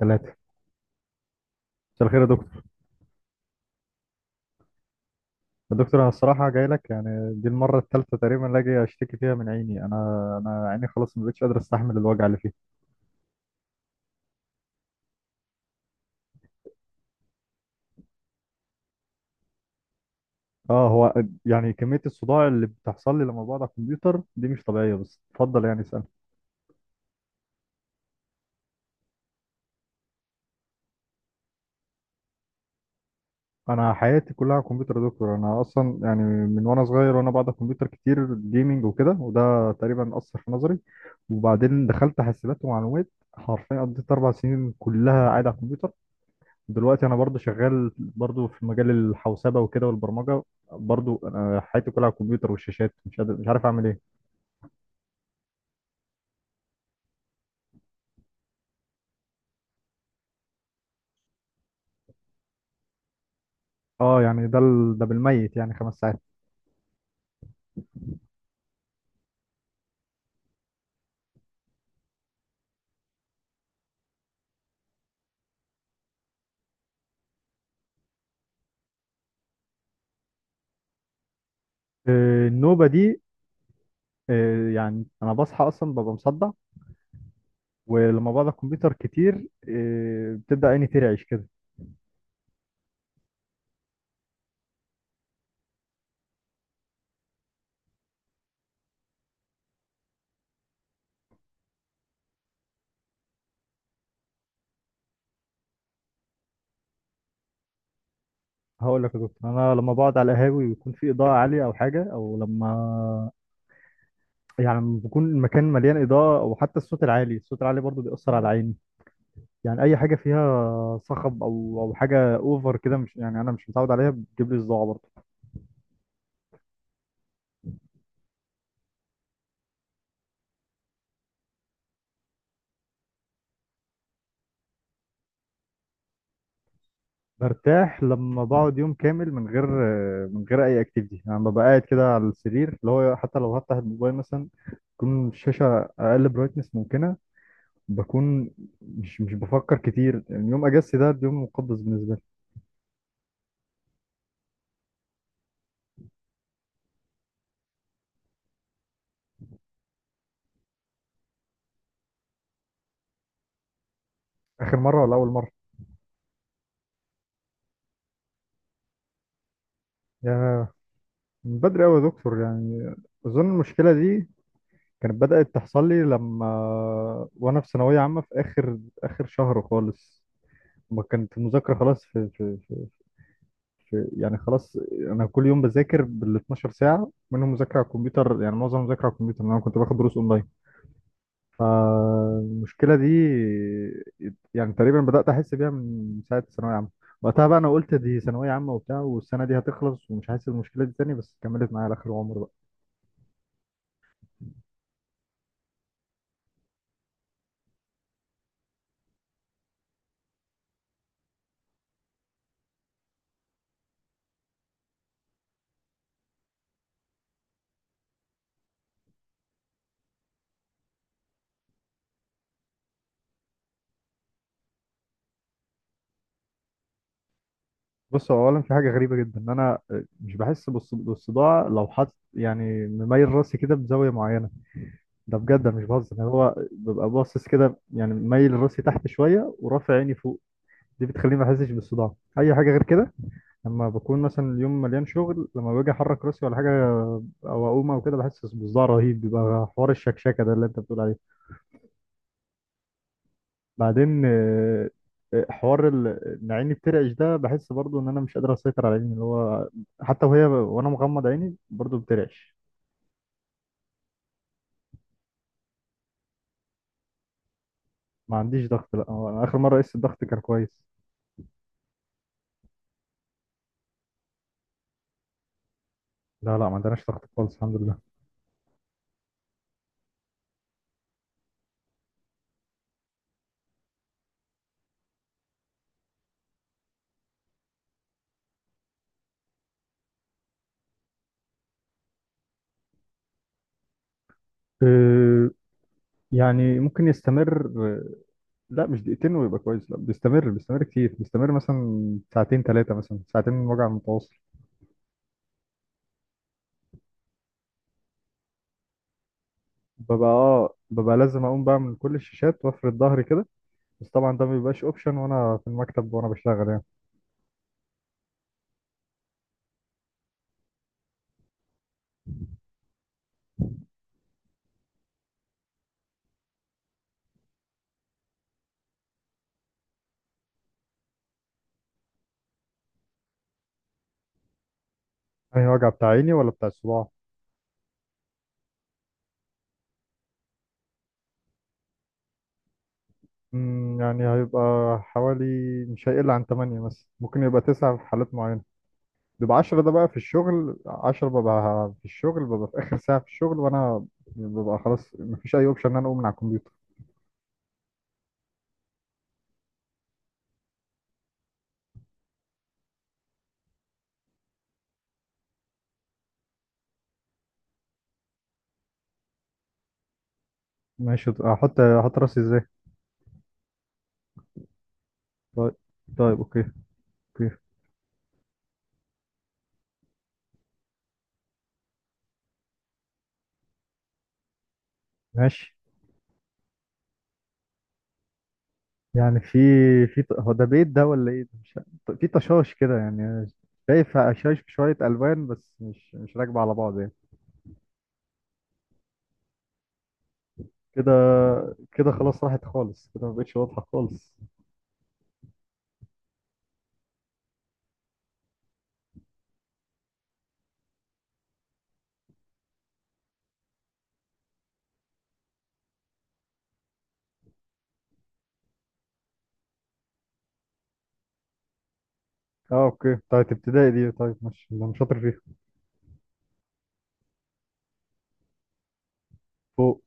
ثلاثة. مساء الخير يا دكتور. يا دكتور أنا الصراحة جاي لك، يعني دي المرة الثالثة تقريبا اللي أجي أشتكي فيها من عيني. أنا عيني خلاص ما بقتش قادر أستحمل الوجع اللي فيها. هو يعني كمية الصداع اللي بتحصل لي لما بقعد على الكمبيوتر دي مش طبيعية، بس اتفضل يعني اسأل. أنا حياتي كلها على الكمبيوتر يا دكتور، أنا أصلا يعني من وأنا صغير وأنا بقعد على الكمبيوتر كتير، جيمنج وكده، وده تقريبا أثر في نظري. وبعدين دخلت حاسبات ومعلومات، حرفيا قضيت 4 سنين كلها قاعد على الكمبيوتر. دلوقتي انا برضو شغال برضو في مجال الحوسبه وكده والبرمجه. برضو انا حياتي كلها على الكمبيوتر والشاشات، مش قادر مش عارف اعمل ايه. اه يعني ده ده بالميت يعني 5 ساعات. آه، النوبه دي، يعني انا بصحى اصلا ببقى مصدع. ولما بقعد على الكمبيوتر كتير بتبدا عيني ترعش كده. هقول لك يا دكتور، انا لما بقعد على القهاوي ويكون في اضاءه عاليه او حاجه، او لما يعني لما بيكون المكان مليان اضاءه، وحتى الصوت العالي، الصوت العالي برضو بيأثر على عيني. يعني اي حاجه فيها صخب او حاجه اوفر كده، مش يعني انا مش متعود عليها، بتجيب لي صداع برضه. برتاح لما بقعد يوم كامل من غير اي اكتيفيتي، يعني ببقى قاعد كده على السرير، اللي هو حتى لو هفتح الموبايل مثلا تكون الشاشه اقل برايتنس ممكنه. بكون مش بفكر كتير، يعني يوم اجازتي ده اليوم مقدس بالنسبه لي. اخر مره ولا اول مره؟ يا، من بدري قوي يا دكتور يعني. اظن المشكله دي كانت بدأت تحصل لي لما وانا في ثانوية عامة، في اخر اخر شهر خالص، ما كانت المذاكرة خلاص، في يعني خلاص. انا كل يوم بذاكر بال 12 ساعة، منهم مذاكرة على الكمبيوتر، يعني معظم مذاكرة على الكمبيوتر لأن انا كنت باخد دروس اونلاين. فالمشكلة دي يعني تقريبا بدأت احس بيها من ساعة ثانوية عامة. وقتها بقى انا قلت دي ثانوية عامة وبتاع، والسنة دي هتخلص ومش حاسس بالمشكلة دي تاني، بس كملت معايا لاخر عمري. بص، هو اولا في حاجه غريبه جدا، ان انا مش بحس بالصداع لو حط يعني مميل راسي كده بزاويه معينه. ده بجد أنا مش بهزر، يعني هو ببقى باصص كده، يعني مميل راسي تحت شويه ورافع عيني فوق، دي بتخليني ما احسش بالصداع. اي حاجه غير كده، لما بكون مثلا اليوم مليان شغل، لما باجي احرك راسي ولا حاجه او اقوم او كده بحس بصداع رهيب، بيبقى حوار الشكشكه ده اللي انت بتقول عليه. بعدين حوار ان عيني بترعش ده، بحس برضو ان انا مش قادر اسيطر على عيني، اللي هو حتى وهي وانا مغمض عيني برضو بترعش. ما عنديش ضغط، لا هو أنا اخر مره قست الضغط كان كويس. لا لا ما عندناش ضغط خالص، الحمد لله. أه، يعني ممكن يستمر، لا مش دقيقتين ويبقى كويس، لا بيستمر، بيستمر كتير، بيستمر مثلا ساعتين 3، مثلا ساعتين من وجع متواصل. ببقى لازم اقوم بقى من كل الشاشات وافرد ظهري كده، بس طبعا ده ما بيبقاش اوبشن وانا في المكتب وانا بشتغل يعني. يعني وجع بتاع عيني ولا بتاع الصباع؟ مم، يعني هيبقى حوالي، مش هيقل عن 8 مثلا، ممكن يبقى 9 في حالات معينة. بيبقى 10، ده بقى في الشغل 10، ببقى في الشغل، ببقى في آخر ساعة في الشغل وأنا ببقى خلاص مفيش أي أوبشن إن أنا أقوم من على الكمبيوتر. ماشي. أحط راسي إزاي؟ طيب. طيب أوكي. أوكي ماشي. يعني في، هو ده بيت ده ولا إيه ده مش عارف. في طشاش كده يعني. شايف هشاش في شوية ألوان بس مش راكبة على بعض يعني. كده، كده خلاص راحت خالص، كده ما بقتش واضحة خالص. اه اوكي، بتاعت ابتدائي دي، طيب ماشي اللي انا شاطر فيها. فوق.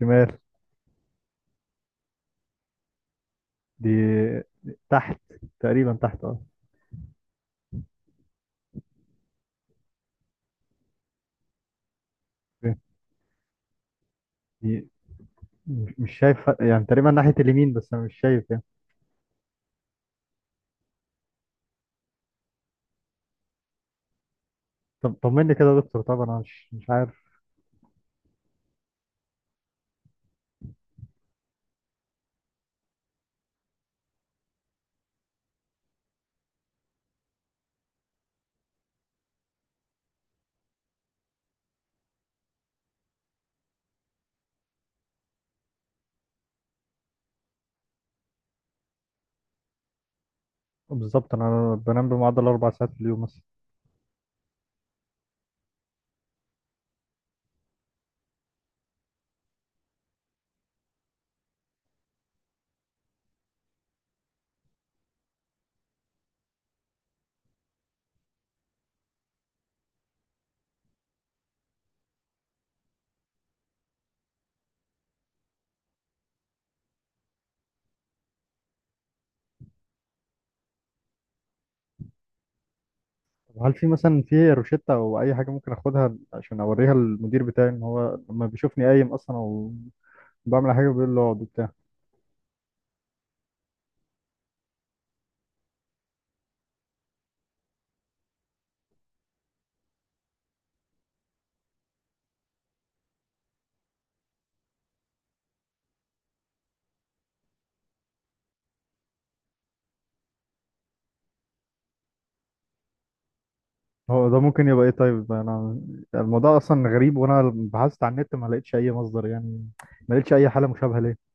شمال. دي تحت، تقريبا تحت اه. اوكي دي، مش شايف، يعني تقريبا ناحية اليمين، بس انا مش شايف يعني. طب طمني كده يا دكتور، طبعا انا مش عارف. بالظبط، انا بنام بمعدل 4 ساعات في اليوم مثلا. طب هل في مثلا في روشتة او اي حاجة ممكن اخدها عشان اوريها للمدير بتاعي، ان هو لما بيشوفني قايم اصلا او بعمل حاجة بيقول له اقعد وبتاع. هو ده ممكن يبقى ايه؟ طيب انا الموضوع اصلا غريب، وانا بحثت على النت ما لقيتش اي مصدر يعني، ما لقيتش اي حالة مشابهة ليه.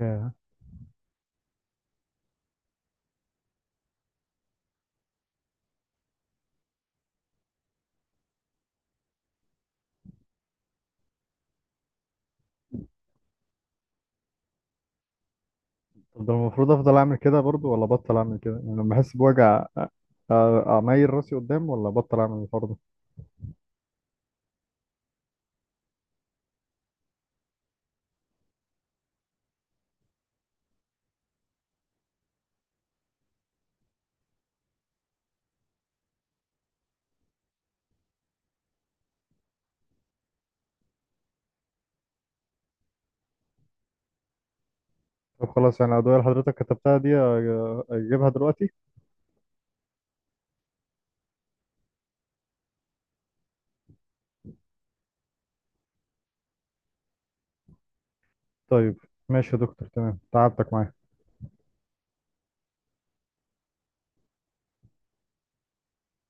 ياه. طب ده المفروض افضل اعمل كده برضو ولا بطل اعمل كده، يعني لما احس بوجع اميل راسي قدام ولا بطل اعمل الحوار ده؟ طب خلاص، يعني الادوية اللي حضرتك كتبتها دي اجيبها دلوقتي؟ طيب ماشي يا دكتور، تمام، تعبتك معايا.